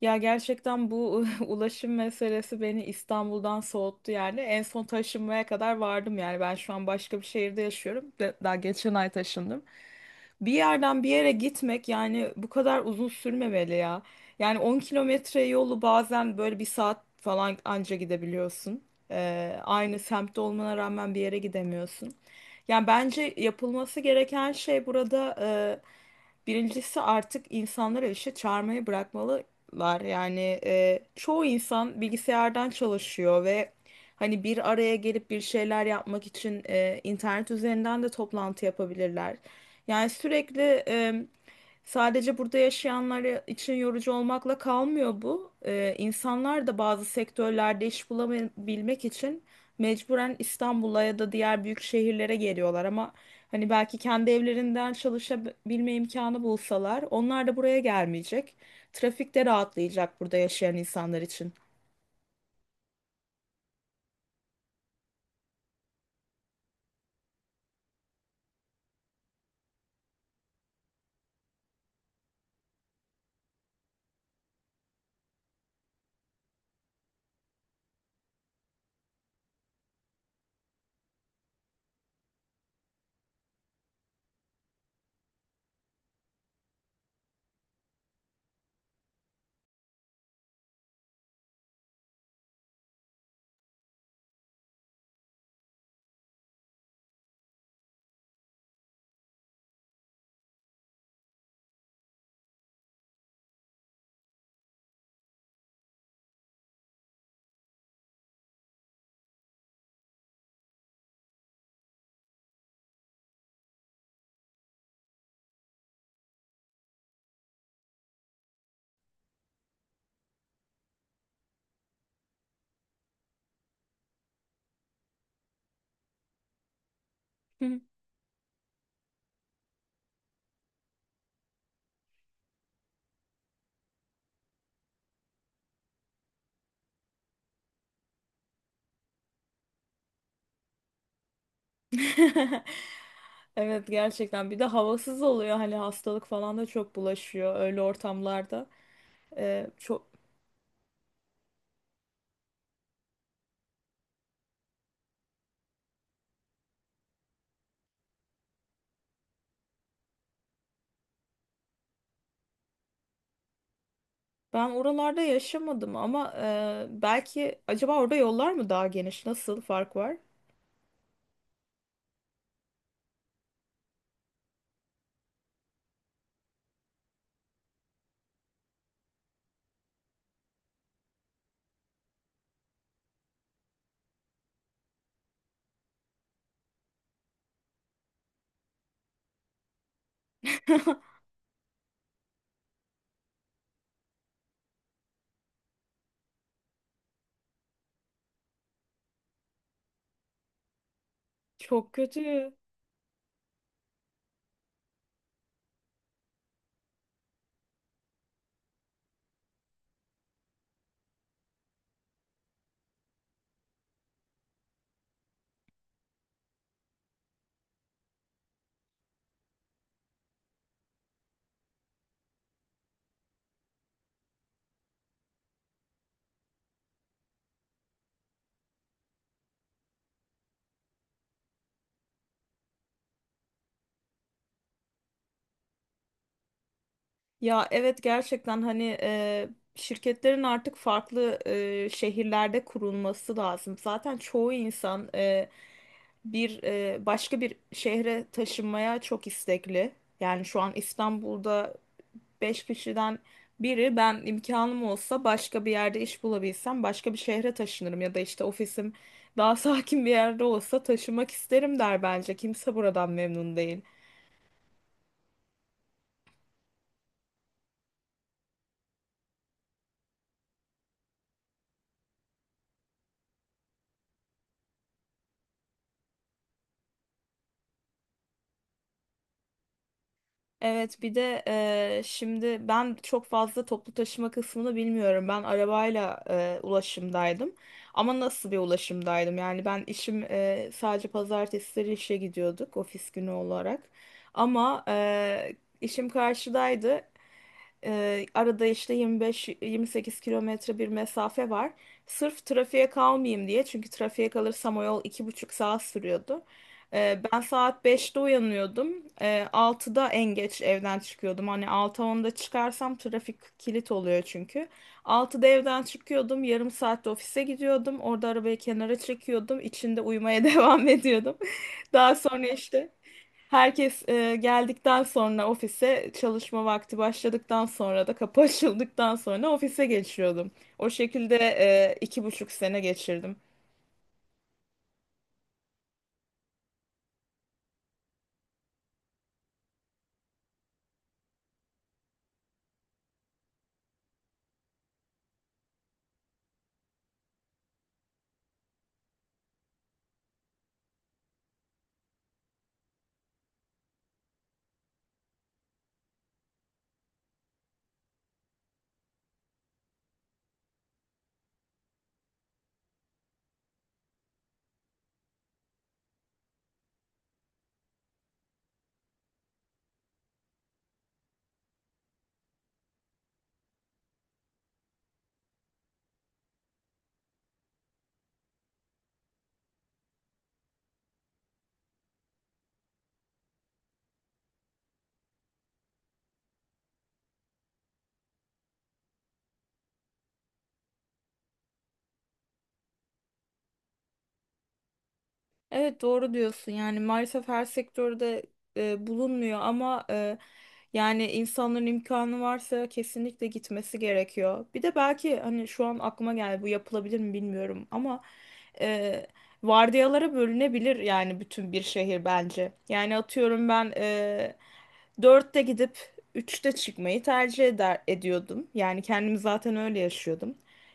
Ya gerçekten bu ulaşım meselesi beni İstanbul'dan soğuttu yani. En son taşınmaya kadar vardım yani. Ben şu an başka bir şehirde yaşıyorum. Daha geçen ay taşındım. Bir yerden bir yere gitmek yani bu kadar uzun sürmemeli ya. Yani 10 kilometre yolu bazen böyle bir saat falan anca gidebiliyorsun. Aynı semtte olmana rağmen bir yere gidemiyorsun. Yani bence yapılması gereken şey burada, birincisi artık insanları işe çağırmayı bırakmalılar. Yani çoğu insan bilgisayardan çalışıyor ve hani bir araya gelip bir şeyler yapmak için internet üzerinden de toplantı yapabilirler. Yani sürekli, sadece burada yaşayanlar için yorucu olmakla kalmıyor bu. İnsanlar da bazı sektörlerde iş bulabilmek için mecburen İstanbul'a ya da diğer büyük şehirlere geliyorlar. Ama hani belki kendi evlerinden çalışabilme imkanı bulsalar, onlar da buraya gelmeyecek. Trafik de rahatlayacak burada yaşayan insanlar için. Hı. Evet, gerçekten bir de havasız oluyor, hani hastalık falan da çok bulaşıyor öyle ortamlarda. Çok Ben oralarda yaşamadım ama belki acaba orada yollar mı daha geniş? Nasıl fark var? Çok kötü. Ya evet, gerçekten hani şirketlerin artık farklı şehirlerde kurulması lazım. Zaten çoğu insan başka bir şehre taşınmaya çok istekli. Yani şu an İstanbul'da beş kişiden biri, ben imkanım olsa başka bir yerde iş bulabilsem başka bir şehre taşınırım ya da işte ofisim daha sakin bir yerde olsa taşımak isterim der bence. Kimse buradan memnun değil. Evet, bir de şimdi ben çok fazla toplu taşıma kısmını bilmiyorum. Ben arabayla ulaşımdaydım. Ama nasıl bir ulaşımdaydım? Yani ben işim sadece pazartesileri işe gidiyorduk, ofis günü olarak. Ama işim karşıdaydı. Arada işte 25-28 kilometre bir mesafe var. Sırf trafiğe kalmayayım diye. Çünkü trafiğe kalırsam o yol 2,5 saat sürüyordu. Ben saat 5'te uyanıyordum. 6'da en geç evden çıkıyordum. Hani 6.10 çıkarsam trafik kilit oluyor çünkü. 6'da evden çıkıyordum. Yarım saatte ofise gidiyordum. Orada arabayı kenara çekiyordum. İçinde uyumaya devam ediyordum. Daha sonra işte herkes, geldikten sonra, ofise çalışma vakti başladıktan sonra da kapı açıldıktan sonra ofise geçiyordum. O şekilde 2,5 sene geçirdim. Evet doğru diyorsun, yani maalesef her sektörde bulunmuyor ama yani insanların imkanı varsa kesinlikle gitmesi gerekiyor. Bir de belki hani şu an aklıma geldi, bu yapılabilir mi bilmiyorum ama e, vardiyalara bölünebilir yani bütün bir şehir bence. Yani atıyorum ben 4'te gidip 3'te çıkmayı tercih ediyordum. Yani kendimi zaten öyle yaşıyordum.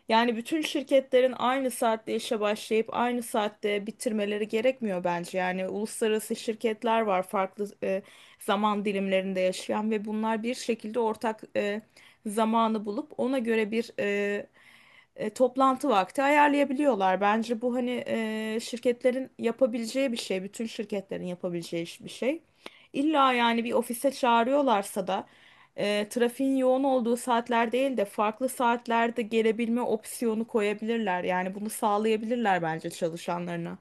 Yani bütün şirketlerin aynı saatte işe başlayıp aynı saatte bitirmeleri gerekmiyor bence. Yani uluslararası şirketler var, farklı zaman dilimlerinde yaşayan, ve bunlar bir şekilde ortak zamanı bulup ona göre bir toplantı vakti ayarlayabiliyorlar. Bence bu, hani şirketlerin yapabileceği bir şey, bütün şirketlerin yapabileceği bir şey. İlla yani bir ofise çağırıyorlarsa da trafiğin yoğun olduğu saatler değil de farklı saatlerde gelebilme opsiyonu koyabilirler. Yani bunu sağlayabilirler bence çalışanlarına.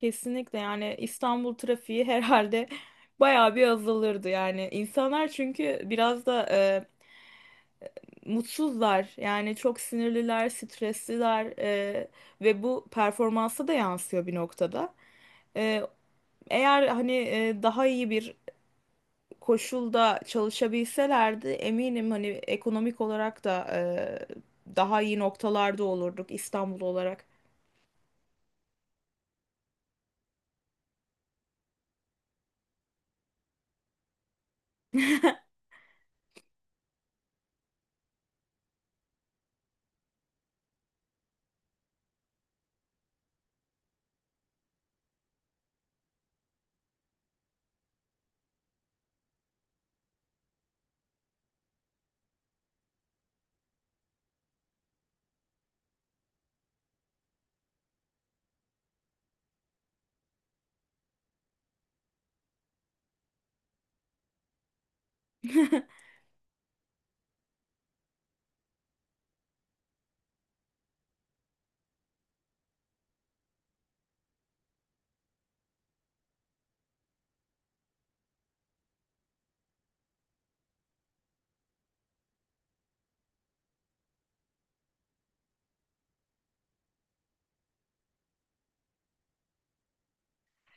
Kesinlikle yani İstanbul trafiği herhalde bayağı bir azalırdı yani. İnsanlar çünkü biraz da mutsuzlar, yani çok sinirliler, stresliler, ve bu performansa da yansıyor bir noktada. E, Eğer hani daha iyi bir koşulda çalışabilselerdi, eminim hani ekonomik olarak da daha iyi noktalarda olurduk, İstanbul olarak.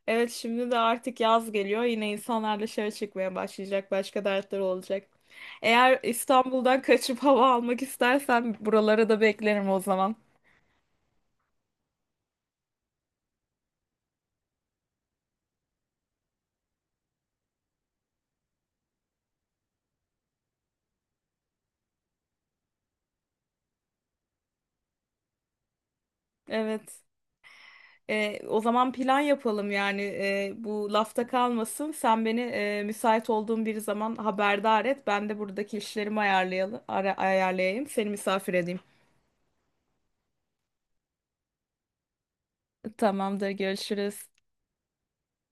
Evet, şimdi de artık yaz geliyor. Yine insanlar dışarı çıkmaya başlayacak. Başka dertleri olacak. Eğer İstanbul'dan kaçıp hava almak istersen buralara da beklerim o zaman. Evet. O zaman plan yapalım yani, bu lafta kalmasın. Sen beni müsait olduğun bir zaman haberdar et. Ben de buradaki işlerimi ayarlayayım. Seni misafir edeyim. Tamamdır, görüşürüz.